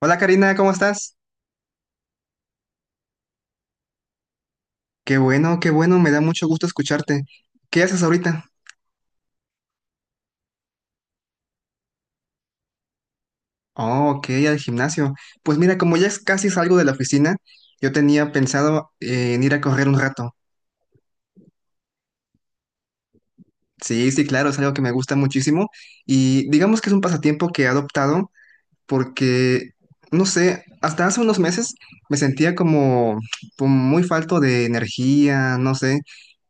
Hola Karina, ¿cómo estás? Qué bueno, me da mucho gusto escucharte. ¿Qué haces ahorita? Oh, ok, al gimnasio. Pues mira, como ya es casi salgo de la oficina, yo tenía pensado en ir a correr un rato. Sí, sí, claro, es algo que me gusta muchísimo y digamos que es un pasatiempo que he adoptado porque, no sé, hasta hace unos meses me sentía como muy falto de energía, no sé,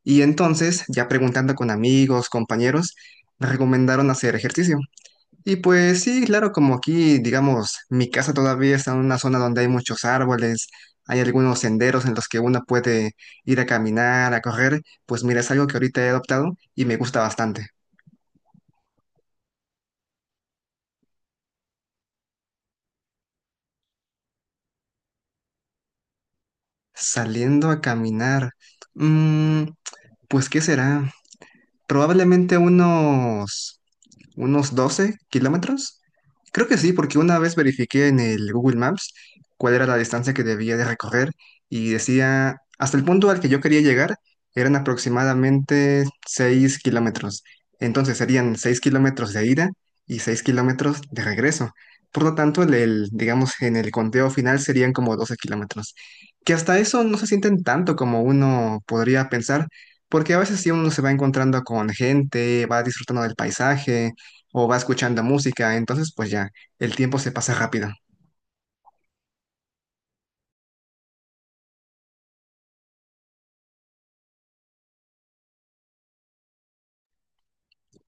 y entonces, ya preguntando con amigos, compañeros, me recomendaron hacer ejercicio. Y pues sí, claro, como aquí, digamos, mi casa todavía está en una zona donde hay muchos árboles, hay algunos senderos en los que uno puede ir a caminar, a correr, pues mira, es algo que ahorita he adoptado y me gusta bastante. Saliendo a caminar, mm, pues ¿qué será? Probablemente unos 12 kilómetros. Creo que sí, porque una vez verifiqué en el Google Maps cuál era la distancia que debía de recorrer y decía, hasta el punto al que yo quería llegar eran aproximadamente 6 kilómetros. Entonces serían 6 kilómetros de ida y 6 kilómetros de regreso. Por lo tanto, digamos, en el conteo final serían como 12 kilómetros, que hasta eso no se sienten tanto como uno podría pensar, porque a veces sí uno se va encontrando con gente, va disfrutando del paisaje, o va escuchando música, entonces pues ya, el tiempo se pasa rápido.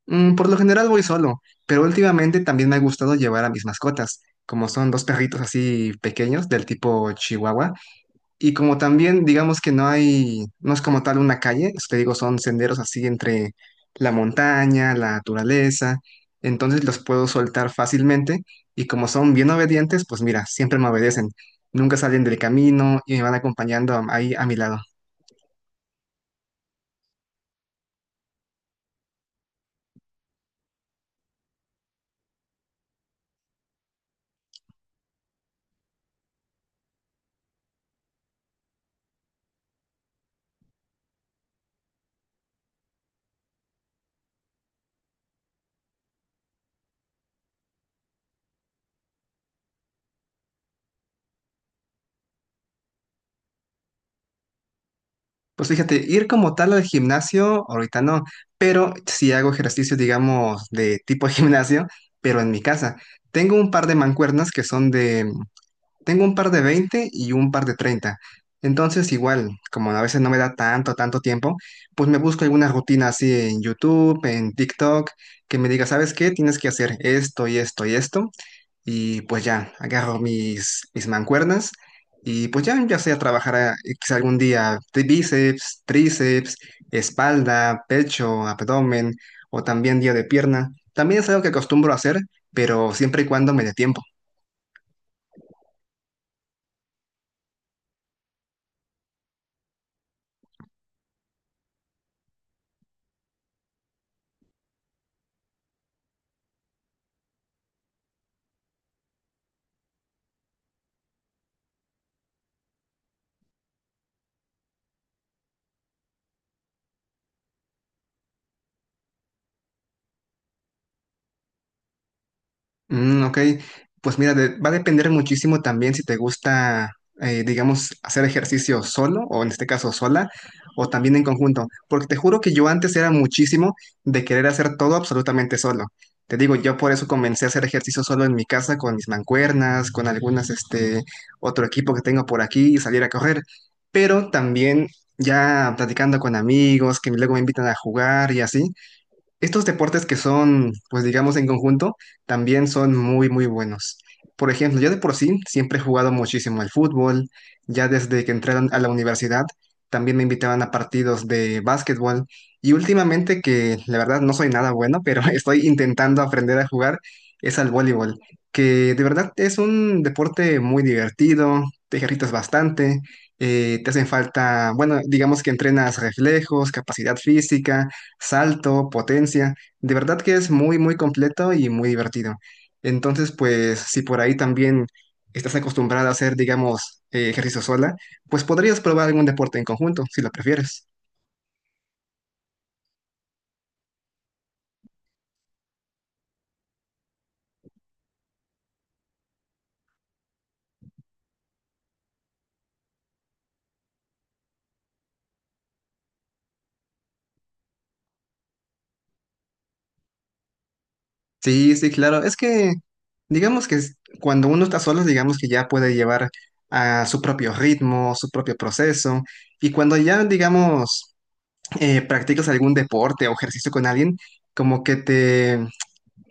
Por lo general voy solo, pero últimamente también me ha gustado llevar a mis mascotas, como son dos perritos así pequeños del tipo Chihuahua, y como también digamos que no hay, no es como tal una calle, pues, te digo, son senderos así entre la montaña, la naturaleza, entonces los puedo soltar fácilmente y como son bien obedientes, pues mira, siempre me obedecen, nunca salen del camino y me van acompañando ahí a mi lado. Pues fíjate, ir como tal al gimnasio, ahorita no, pero sí hago ejercicio, digamos, de tipo gimnasio, pero en mi casa. Tengo un par de mancuernas que son de, tengo un par de 20 y un par de 30. Entonces, igual, como a veces no me da tanto, tanto tiempo, pues me busco alguna rutina así en YouTube, en TikTok, que me diga, ¿sabes qué? Tienes que hacer esto y esto y esto. Y pues ya, agarro mis mancuernas y pues ya, ya sea trabajar quizá algún día de bíceps, tríceps, espalda, pecho, abdomen o también día de pierna. También es algo que acostumbro a hacer, pero siempre y cuando me dé tiempo. Ok, pues mira, va a depender muchísimo también si te gusta, digamos, hacer ejercicio solo o en este caso sola o también en conjunto, porque te juro que yo antes era muchísimo de querer hacer todo absolutamente solo. Te digo, yo por eso comencé a hacer ejercicio solo en mi casa con mis mancuernas, con algunas, este, otro equipo que tengo por aquí y salir a correr, pero también ya platicando con amigos que luego me invitan a jugar y así. Estos deportes que son, pues digamos, en conjunto, también son muy, muy buenos. Por ejemplo, yo de por sí siempre he jugado muchísimo al fútbol. Ya desde que entré a la universidad, también me invitaban a partidos de básquetbol. Y últimamente, que la verdad no soy nada bueno, pero estoy intentando aprender a jugar, es al voleibol, que de verdad es un deporte muy divertido, te ejercitas bastante, te hacen falta, bueno, digamos que entrenas reflejos, capacidad física salto, potencia. De verdad que es muy, muy completo y muy divertido. Entonces, pues si por ahí también estás acostumbrada a hacer, digamos, ejercicio sola, pues podrías probar algún deporte en conjunto, si lo prefieres. Sí, sí, claro. Es que, digamos que cuando uno está solo, digamos que ya puede llevar a su propio ritmo, su propio proceso. Y cuando ya, digamos, practicas algún deporte o ejercicio con alguien, como que te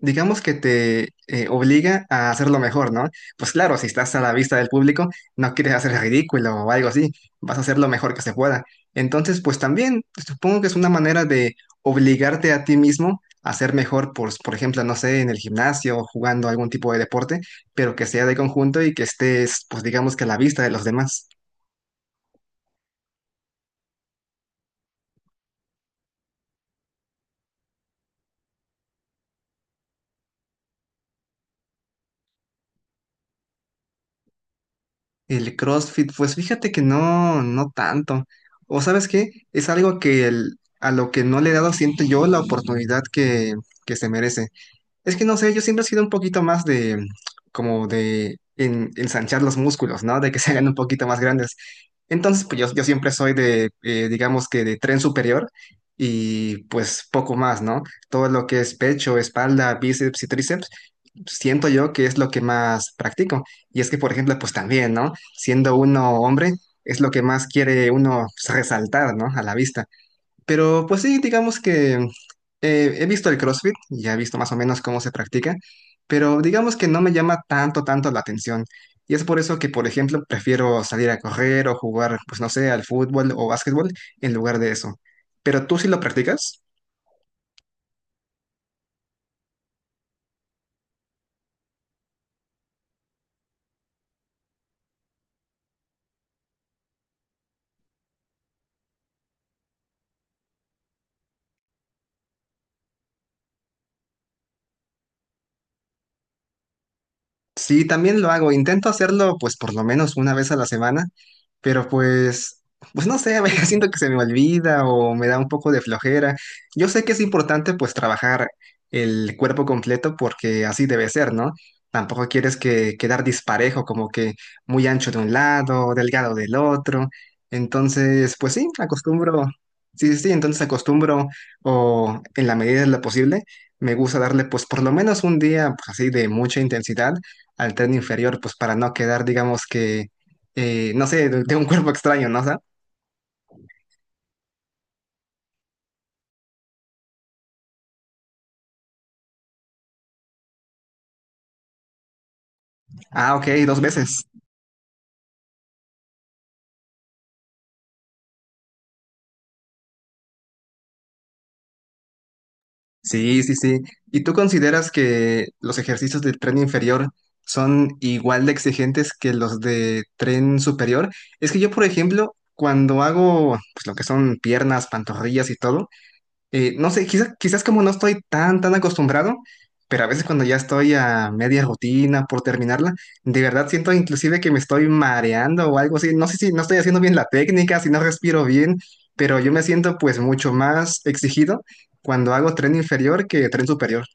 digamos que te obliga a hacerlo mejor, ¿no? Pues claro, si estás a la vista del público, no quieres hacer ridículo o algo así, vas a hacer lo mejor que se pueda. Entonces, pues también supongo que es una manera de obligarte a ti mismo a ser mejor, por ejemplo, no sé, en el gimnasio o jugando algún tipo de deporte, pero que sea de conjunto y que estés, pues digamos que a la vista de los demás. El CrossFit, pues fíjate que no, no tanto. O sabes qué, es algo que a lo que no le he dado, siento yo, la oportunidad que se merece. Es que no sé, yo siempre he sido un poquito más de, como de ensanchar los músculos, ¿no? De que se hagan un poquito más grandes. Entonces, pues yo siempre soy de, digamos que de tren superior y pues poco más, ¿no? Todo lo que es pecho, espalda, bíceps y tríceps siento yo que es lo que más practico. Y es que, por ejemplo, pues también, ¿no? Siendo uno hombre, es lo que más quiere uno pues, resaltar, ¿no? A la vista. Pero pues sí, digamos que he visto el CrossFit, ya he visto más o menos cómo se practica, pero digamos que no me llama tanto, tanto la atención. Y es por eso que, por ejemplo, prefiero salir a correr o jugar, pues no sé, al fútbol o básquetbol en lugar de eso. ¿Pero tú sí lo practicas? Sí, también lo hago. Intento hacerlo, pues, por lo menos una vez a la semana, pero pues no sé, a veces siento que se me olvida o me da un poco de flojera. Yo sé que es importante, pues, trabajar el cuerpo completo porque así debe ser, ¿no? Tampoco quieres que quedar disparejo, como que muy ancho de un lado, delgado del otro. Entonces, pues sí, acostumbro. Sí, sí, sí, entonces acostumbro o en la medida de lo posible, me gusta darle pues por lo menos un día pues, así de mucha intensidad al tren inferior, pues para no quedar, digamos que, no sé, de un cuerpo extraño, ¿no? O sea, ah, ok, dos veces. Sí, sí, sí. ¿Y tú consideras que los ejercicios de tren inferior son igual de exigentes que los de tren superior? Es que yo, por ejemplo, cuando hago pues, lo que son piernas, pantorrillas y todo, no sé, quizás como no estoy tan, tan acostumbrado, pero a veces cuando ya estoy a media rutina por terminarla, de verdad siento inclusive que me estoy mareando o algo así. No sé si no estoy haciendo bien la técnica, si no respiro bien, pero yo me siento pues mucho más exigido cuando hago tren inferior que tren superior.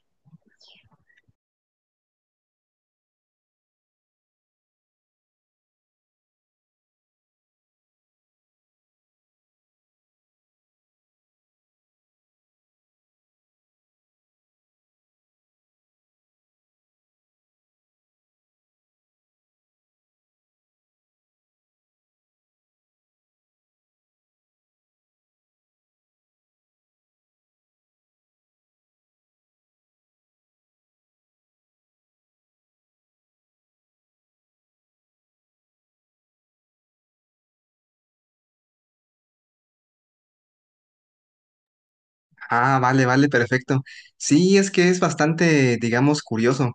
Ah, vale, vale, perfecto. Sí, es que es bastante, digamos, curioso.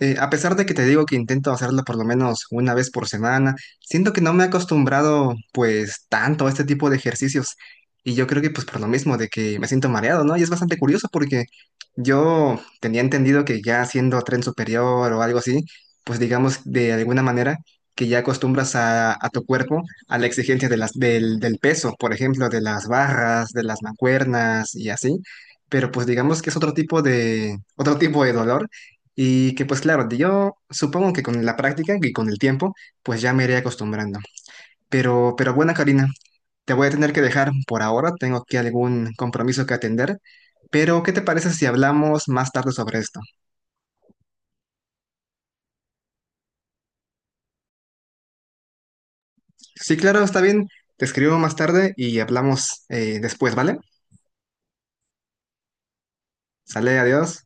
A pesar de que te digo que intento hacerlo por lo menos una vez por semana, siento que no me he acostumbrado pues tanto a este tipo de ejercicios. Y yo creo que pues por lo mismo de que me siento mareado, ¿no? Y es bastante curioso porque yo tenía entendido que ya haciendo tren superior o algo así, pues digamos de alguna manera que ya acostumbras a tu cuerpo a la exigencia de del peso, por ejemplo, de las barras, de las mancuernas y así. Pero pues digamos que es otro tipo de dolor y que pues claro, yo supongo que con la práctica y con el tiempo, pues ya me iré acostumbrando. Pero bueno, Karina, te voy a tener que dejar por ahora, tengo aquí algún compromiso que atender, pero ¿qué te parece si hablamos más tarde sobre esto? Sí, claro, está bien, te escribo más tarde y hablamos después, ¿vale? Sale, adiós.